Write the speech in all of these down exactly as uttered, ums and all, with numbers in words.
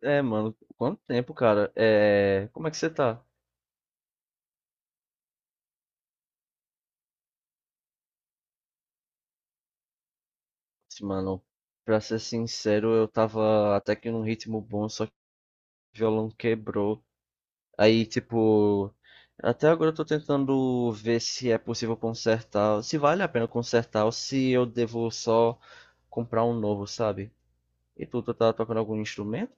É, mano, quanto tempo, cara? É, como é que você tá? Assim, mano, pra ser sincero, eu tava até que num ritmo bom, só que o violão quebrou. Aí, tipo, até agora eu tô tentando ver se é possível consertar, se vale a pena consertar ou se eu devo só comprar um novo, sabe? E tu, tu tá tocando algum instrumento?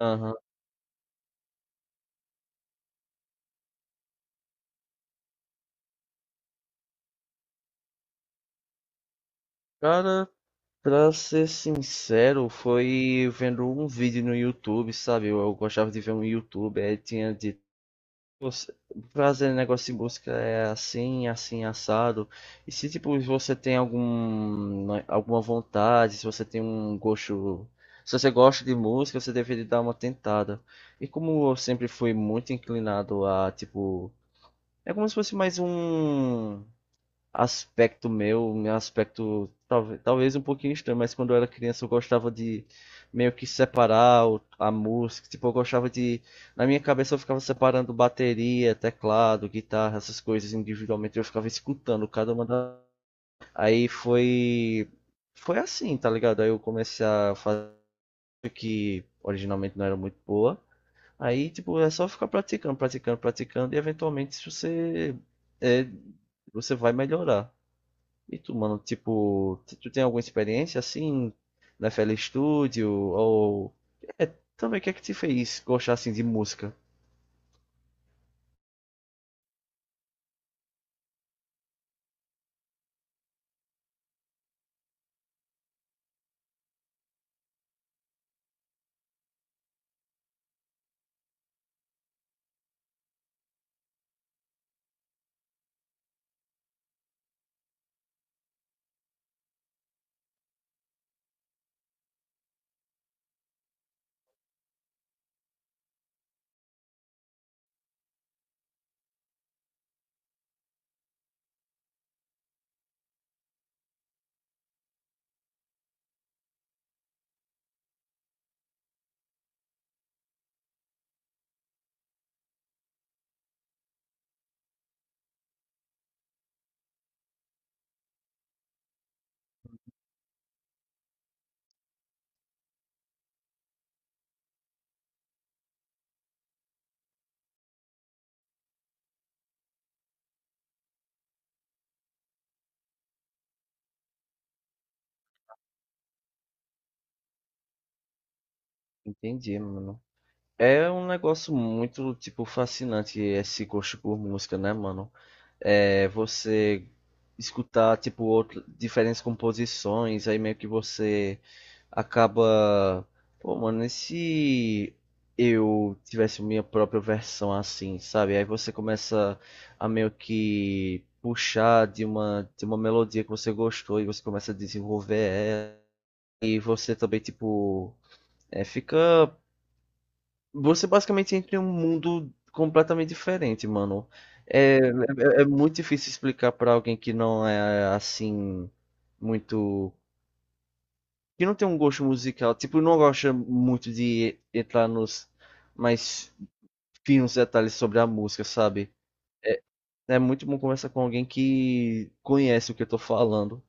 Aham. Cara, pra ser sincero, foi vendo um vídeo no YouTube, sabe? Eu, eu gostava de ver um YouTube, aí tinha de você, fazer negócio de busca é assim, assim, assado. E se tipo você tem algum, né, alguma vontade, se você tem um gosto, se você gosta de música, você deveria dar uma tentada. E como eu sempre fui muito inclinado a tipo, é como se fosse mais um aspecto meu, meu aspecto talvez, talvez um pouquinho estranho, mas quando eu era criança eu gostava de meio que separar o- a música, tipo, eu gostava de, na minha cabeça eu ficava separando bateria, teclado, guitarra, essas coisas individualmente, eu ficava escutando cada uma da... Aí foi foi assim, tá ligado? Aí eu comecei a fazer, originalmente não era muito boa. Aí, tipo, é só ficar praticando, praticando, praticando e eventualmente se você é, você vai melhorar. E tu, mano, tipo, t- tu tem alguma experiência assim na F L Studio ou é, também o que é que te fez gostar assim de música? Entendi, mano. É um negócio muito, tipo, fascinante esse gosto por música, né, mano? é, você escutar tipo outro, diferentes composições, aí meio que você acaba, pô, mano, e se eu tivesse minha própria versão assim, sabe? Aí você começa a meio que puxar de uma de uma melodia que você gostou e você começa a desenvolver ela e você também tipo é, fica você basicamente entra em um mundo completamente diferente, mano. É, é, é muito difícil explicar pra alguém que não é assim muito, que não tem um gosto musical, tipo, não gosta muito de entrar nos mais finos detalhes sobre a música, sabe? É muito bom conversar com alguém que conhece o que eu tô falando.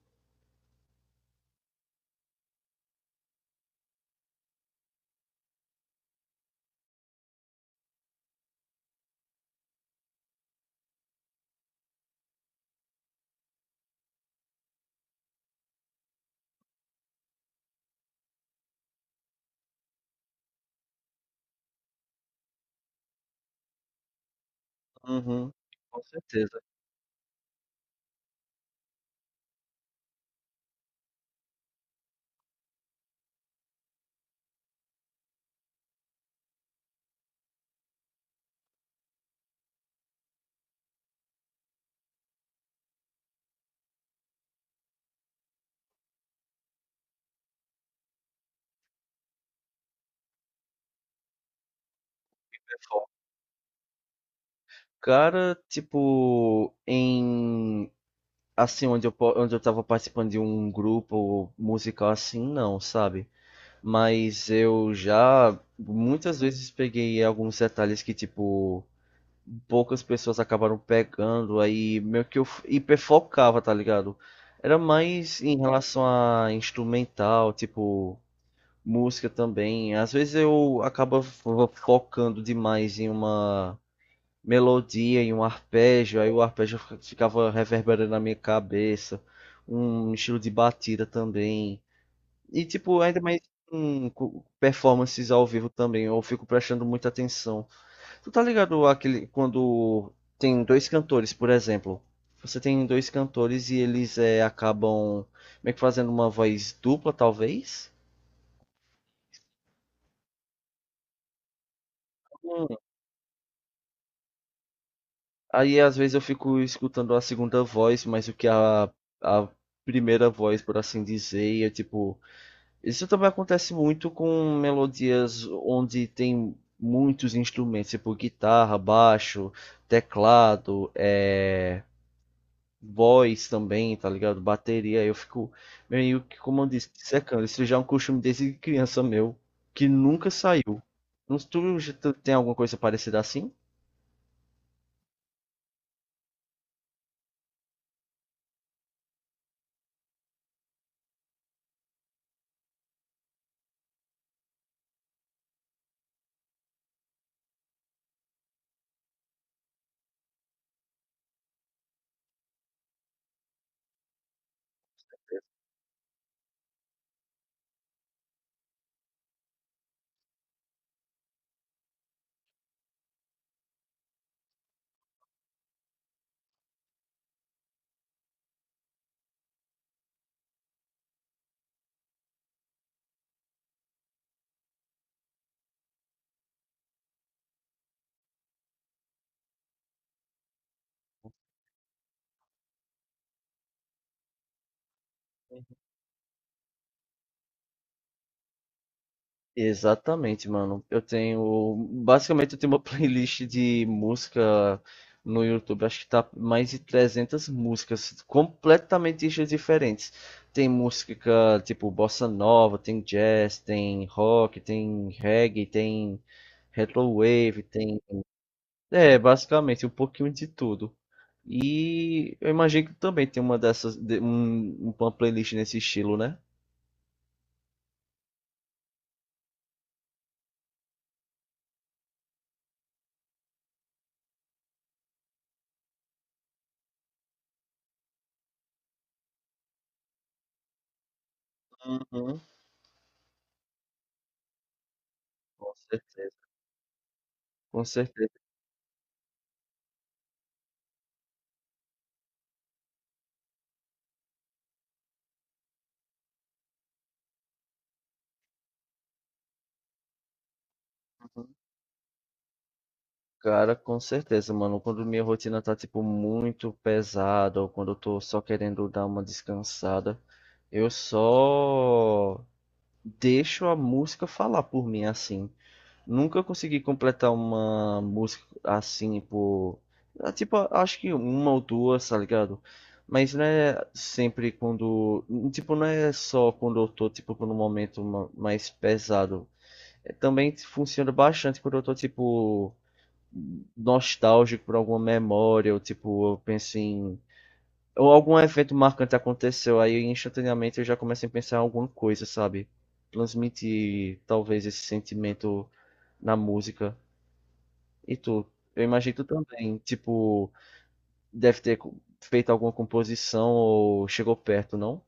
Uhum, com certeza. Cara, tipo, em assim, onde eu, po- onde eu tava participando de um grupo musical assim, não, sabe? Mas eu já muitas vezes peguei alguns detalhes que, tipo, poucas pessoas acabaram pegando, aí meio que eu f- hiperfocava, tá ligado? Era mais em relação a instrumental, tipo, música também. Às vezes eu acaba fo- focando demais em uma melodia e um arpejo, aí o arpejo ficava reverberando na minha cabeça, um estilo de batida também. E tipo, ainda mais com com performances ao vivo também, eu fico prestando muita atenção. Tu tá ligado àquele, quando tem dois cantores, por exemplo, você tem dois cantores e eles eh, acabam meio que fazendo uma voz dupla, talvez? Aí às vezes eu fico escutando a segunda voz, mas o que a, a primeira voz, por assim dizer, e é tipo. Isso também acontece muito com melodias onde tem muitos instrumentos, tipo guitarra, baixo, teclado, é, voz também, tá ligado? Bateria. Eu fico meio que, como eu disse, secando. Isso já é um costume desde criança meu, que nunca saiu. Não- Tu já tu tem alguma coisa parecida assim? Exatamente, mano. Eu tenho. Basicamente, eu tenho uma playlist de música no YouTube. Acho que tá mais de trezentas músicas completamente estilos diferentes. Tem música tipo bossa nova, tem jazz, tem rock, tem reggae, tem retrowave, tem. É, basicamente, um pouquinho de tudo. E eu imagino que também tem uma dessas. de- um- uma playlist nesse estilo, né? Uhum, com certeza. Com certeza. Cara, com certeza, mano. Quando minha rotina tá, tipo, muito pesada, ou quando eu tô só querendo dar uma descansada, eu só deixo a música falar por mim, assim. Nunca consegui completar uma música assim por. Ah, tipo, acho que uma ou duas, tá ligado? Mas não é sempre quando. Tipo, não é só quando eu tô, tipo, num momento ma- mais pesado. É, também funciona bastante quando eu tô, tipo nostálgico por alguma memória, ou tipo, eu penso em. Ou algum evento marcante aconteceu, aí instantaneamente eu já começo a pensar em alguma coisa, sabe? Transmitir talvez esse sentimento na música. E tu? Eu imagino que tu também, tipo, deve ter co- feito alguma composição ou chegou perto, não?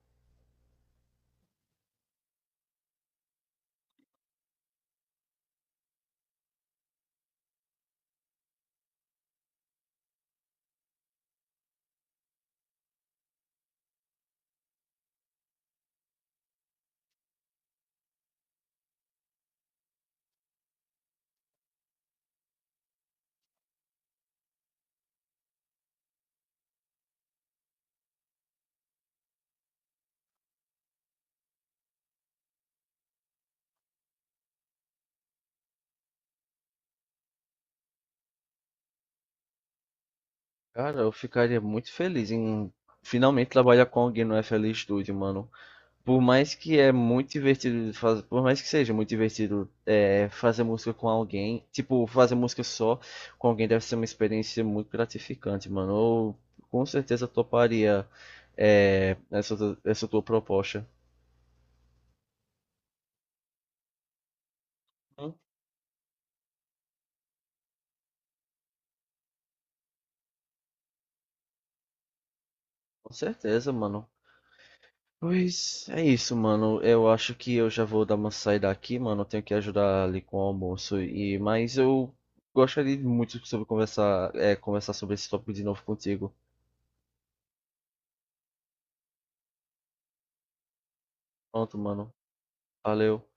Cara, eu ficaria muito feliz em finalmente trabalhar com alguém no F L Studio, mano. Por mais que é muito divertido, faz- por mais que seja muito divertido é, fazer música com alguém, tipo, fazer música só com alguém deve ser uma experiência muito gratificante, mano. Eu com certeza toparia é, essa, tu- essa tua proposta. Hum, Com certeza, mano. Pois é isso, mano. Eu acho que eu já vou dar uma saída aqui, mano. Eu tenho que ajudar ali com o almoço e mas eu gostaria muito sobre conversar, é, conversar sobre esse tópico de novo contigo. Pronto, mano. Valeu.